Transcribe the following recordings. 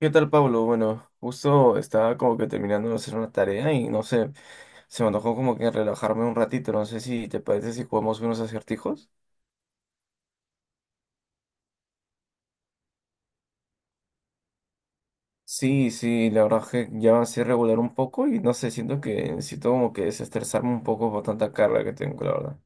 ¿Qué tal, Pablo? Bueno, justo estaba como que terminando de hacer una tarea y no sé, se me antojó como que relajarme un ratito. No sé si te parece si jugamos unos acertijos. Sí, sí, la verdad que ya así regular un poco y no sé, siento que necesito como que desestresarme un poco por tanta carga que tengo, la verdad.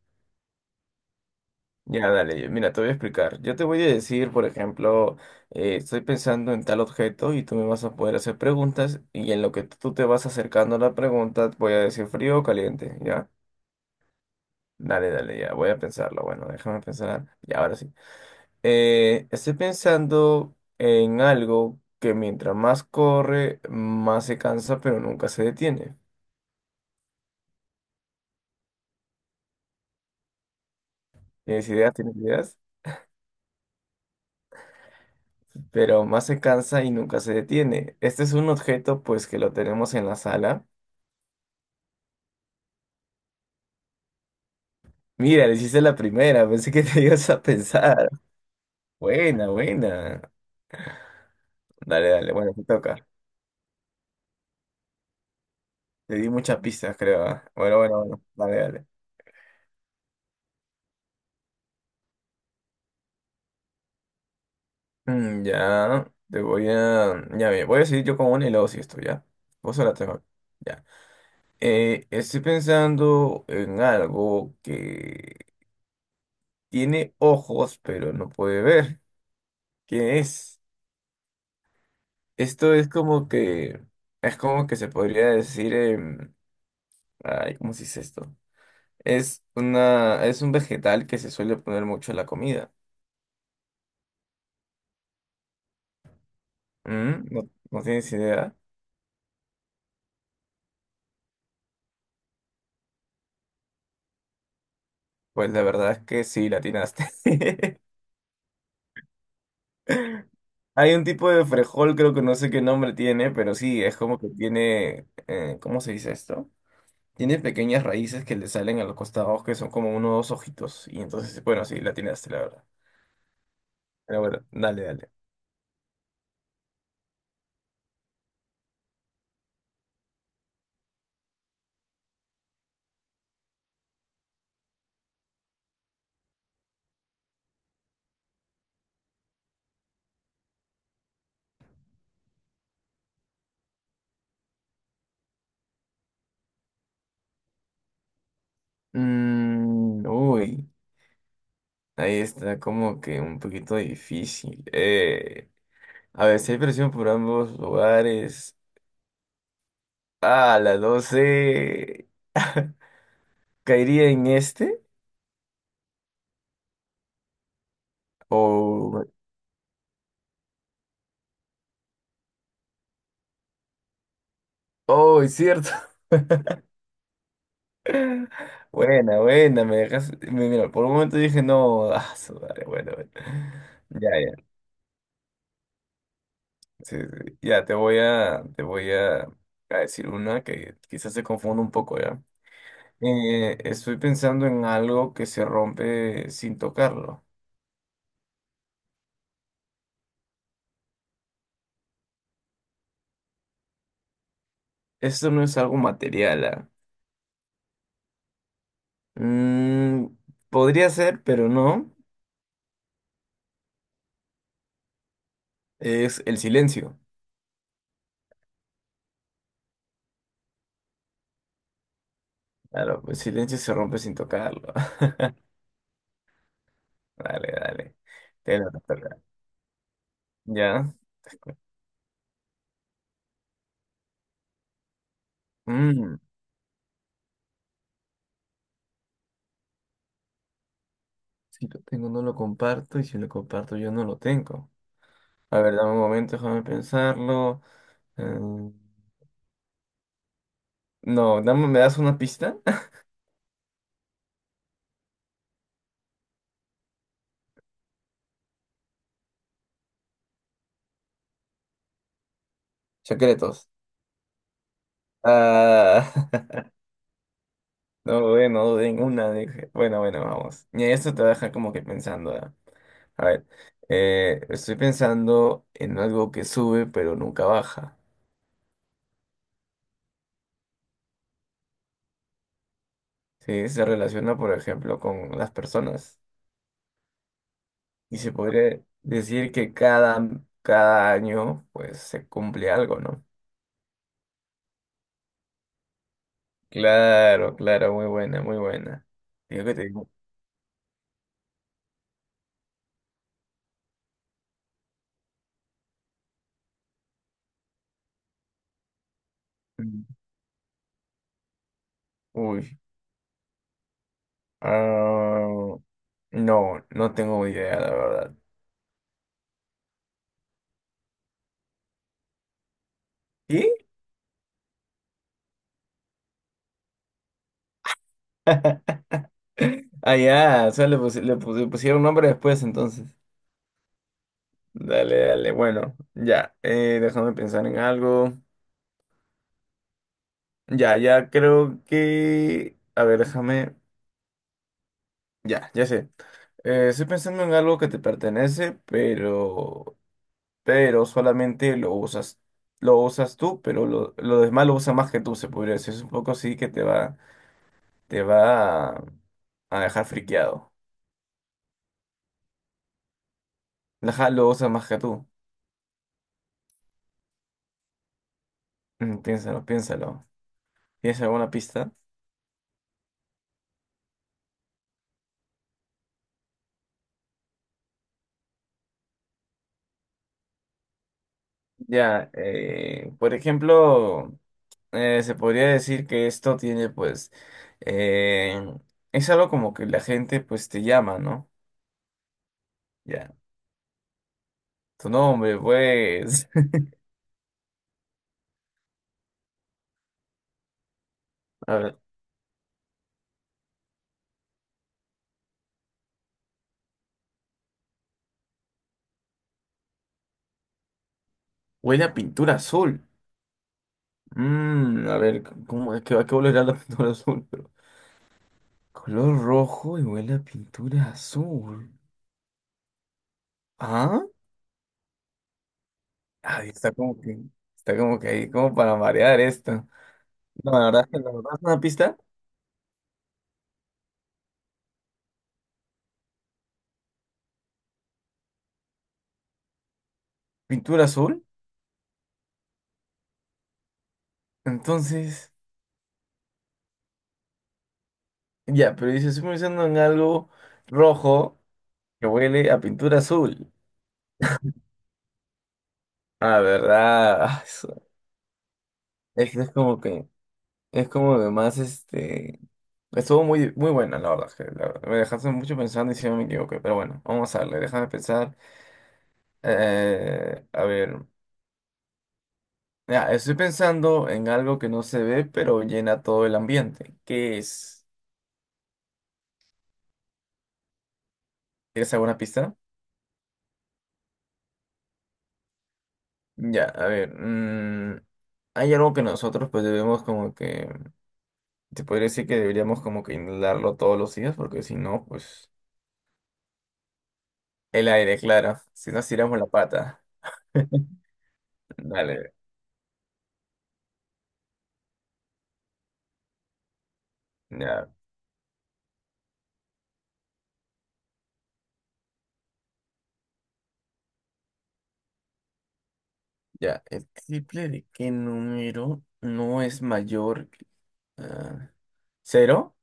Ya, dale, mira, te voy a explicar. Yo te voy a decir, por ejemplo, estoy pensando en tal objeto y tú me vas a poder hacer preguntas y en lo que tú te vas acercando a la pregunta voy a decir frío o caliente, ¿ya? Dale, dale, ya voy a pensarlo. Bueno, déjame pensar. Ya, ahora sí. Estoy pensando en algo que mientras más corre, más se cansa, pero nunca se detiene. ¿Tienes ideas? ¿Tienes ideas? Pero más se cansa y nunca se detiene. Este es un objeto, pues, que lo tenemos en la sala. Mira, le hiciste la primera. Pensé que te ibas a pensar. Buena, buena. Dale, dale. Bueno, te toca. Te di muchas pistas, creo. ¿Ah? Bueno, bueno, bueno. Dale, dale. Mm, ya, te voy a... Ya, ve, voy a seguir yo con una y luego si esto, ¿ya? Vos la te. Ya. Estoy pensando en algo que tiene ojos, pero no puede ver. ¿Qué es? Esto es como que... Es como que se podría decir... ay, ¿cómo se dice esto? Es una... Es un vegetal que se suele poner mucho en la comida. ¿Mm? ¿No, no tienes idea? Pues la verdad es que sí, la atinaste. Hay un tipo de frejol, creo que no sé qué nombre tiene, pero sí, es como que tiene, ¿cómo se dice esto? Tiene pequeñas raíces que le salen a los costados, que son como unos dos ojitos. Y entonces, bueno, sí, la atinaste, la verdad. Pero bueno, dale, dale. Mm, uy, ahí está como que un poquito difícil. A ver, si hay presión por ambos lugares. Ah, la 12. ¿Caería en este? O... Oh, es cierto. Buena, buena, me dejas. Mira, por un momento dije, no, ah, su madre, bueno, bueno. Ya, ya. Sí, sí. Ya, te voy a a decir una que quizás se confunda un poco, ¿ya? Estoy pensando en algo que se rompe sin tocarlo. Esto no es algo material, ¿ah? Mm, podría ser, pero no. Es el silencio. Claro, el silencio se rompe sin tocarlo. Dale, dale. Te lo toca. Ya. Mm. Si lo tengo, no lo comparto. Y si lo comparto, yo no lo tengo. A ver, dame un momento, déjame pensarlo. Mm, no, dame, ¿me das una pista? Secretos. Ah, no dudé en una. Dije, bueno, bueno, vamos. Y esto te deja como que pensando. ¿Ah? A ver, estoy pensando en algo que sube pero nunca baja. ¿Sí? Se relaciona, por ejemplo, con las personas. Y se podría decir que cada año pues se cumple algo, ¿no? Claro, claro, muy buena, muy buena. Digo que tengo- Mm, uy. Ah, no, no tengo idea, la verdad. ¿Y? Ah, ya, o sea, le pusieron nombre después, entonces. Dale, dale, bueno, ya. Déjame pensar en algo. Ya, ya creo que. A ver, déjame. Ya, ya sé. Estoy pensando en algo que te pertenece, pero. Pero solamente lo usas tú, pero lo demás lo usa más que tú, se podría decir. Es un poco así que te va, te va a, a dejar friqueado. Ajá, lo usa más que tú. Mm, piénsalo, piénsalo. ¿Tienes alguna pista? Ya, por ejemplo, se podría decir que esto tiene, pues, eh, es algo como que la gente, pues, te llama, ¿no? Ya, tu nombre, pues. A ver, huele a pintura azul. Mm, a ver, ¿cómo es que va a volver a la pintura azul? Pero color rojo y huele a pintura azul. ¿Ah? Ahí está como que ahí, como para variar esto. No, la verdad es que la verdad es una pista, pintura azul. Entonces, ya, pero dice, estoy pensando en algo rojo que huele a pintura azul. Ah, ¿verdad? Eso es como que. Es como de más, este... Estuvo muy, muy buena, la verdad. Que la verdad, me dejaste mucho pensando y si no me equivoqué. Pero bueno, vamos a darle, déjame pensar. A ver, ya, estoy pensando en algo que no se ve, pero llena todo el ambiente. ¿Qué es? ¿Quieres alguna pista? Ya, a ver. Hay algo que nosotros pues debemos como que... Te podría decir que deberíamos como que inhalarlo todos los días, porque si no, pues... El aire, claro. Si nos tiramos la pata. Dale, ya. Ya, ¿el triple de qué número no es mayor? Ah, ¿cero?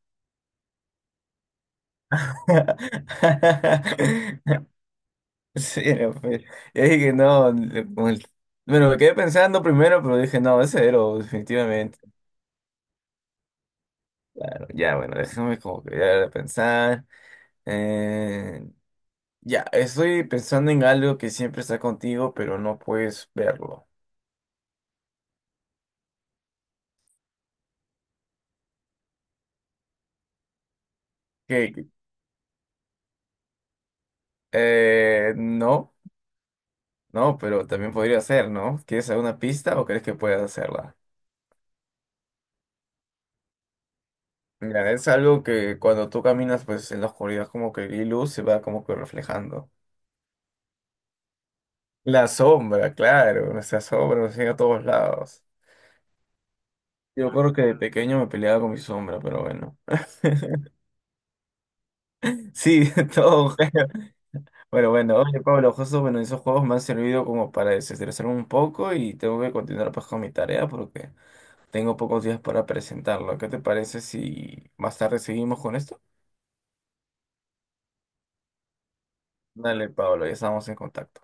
Cero, pues. Yo dije, no, bueno, me quedé pensando primero, pero dije, no, es cero, definitivamente. Claro, ya, bueno, déjame como que ya pensar. Eh, ya, estoy pensando en algo que siempre está contigo, pero no puedes verlo. ¿Qué? No. No, pero también podría ser, ¿no? ¿Quieres alguna pista o crees que puedes hacerla? Mira, es algo que cuando tú caminas, pues en la oscuridad como que la luz se va como que reflejando. La sombra, claro, nuestra sombra nos sigue a todos lados. Yo creo que de pequeño me peleaba con mi sombra, pero bueno. Sí, todo. Bueno, bueno, oye Pablo, justo bueno, esos juegos me han servido como para desestresarme un poco y tengo que continuar pues con mi tarea porque tengo pocos días para presentarlo. ¿Qué te parece si más tarde seguimos con esto? Dale, Pablo, ya estamos en contacto.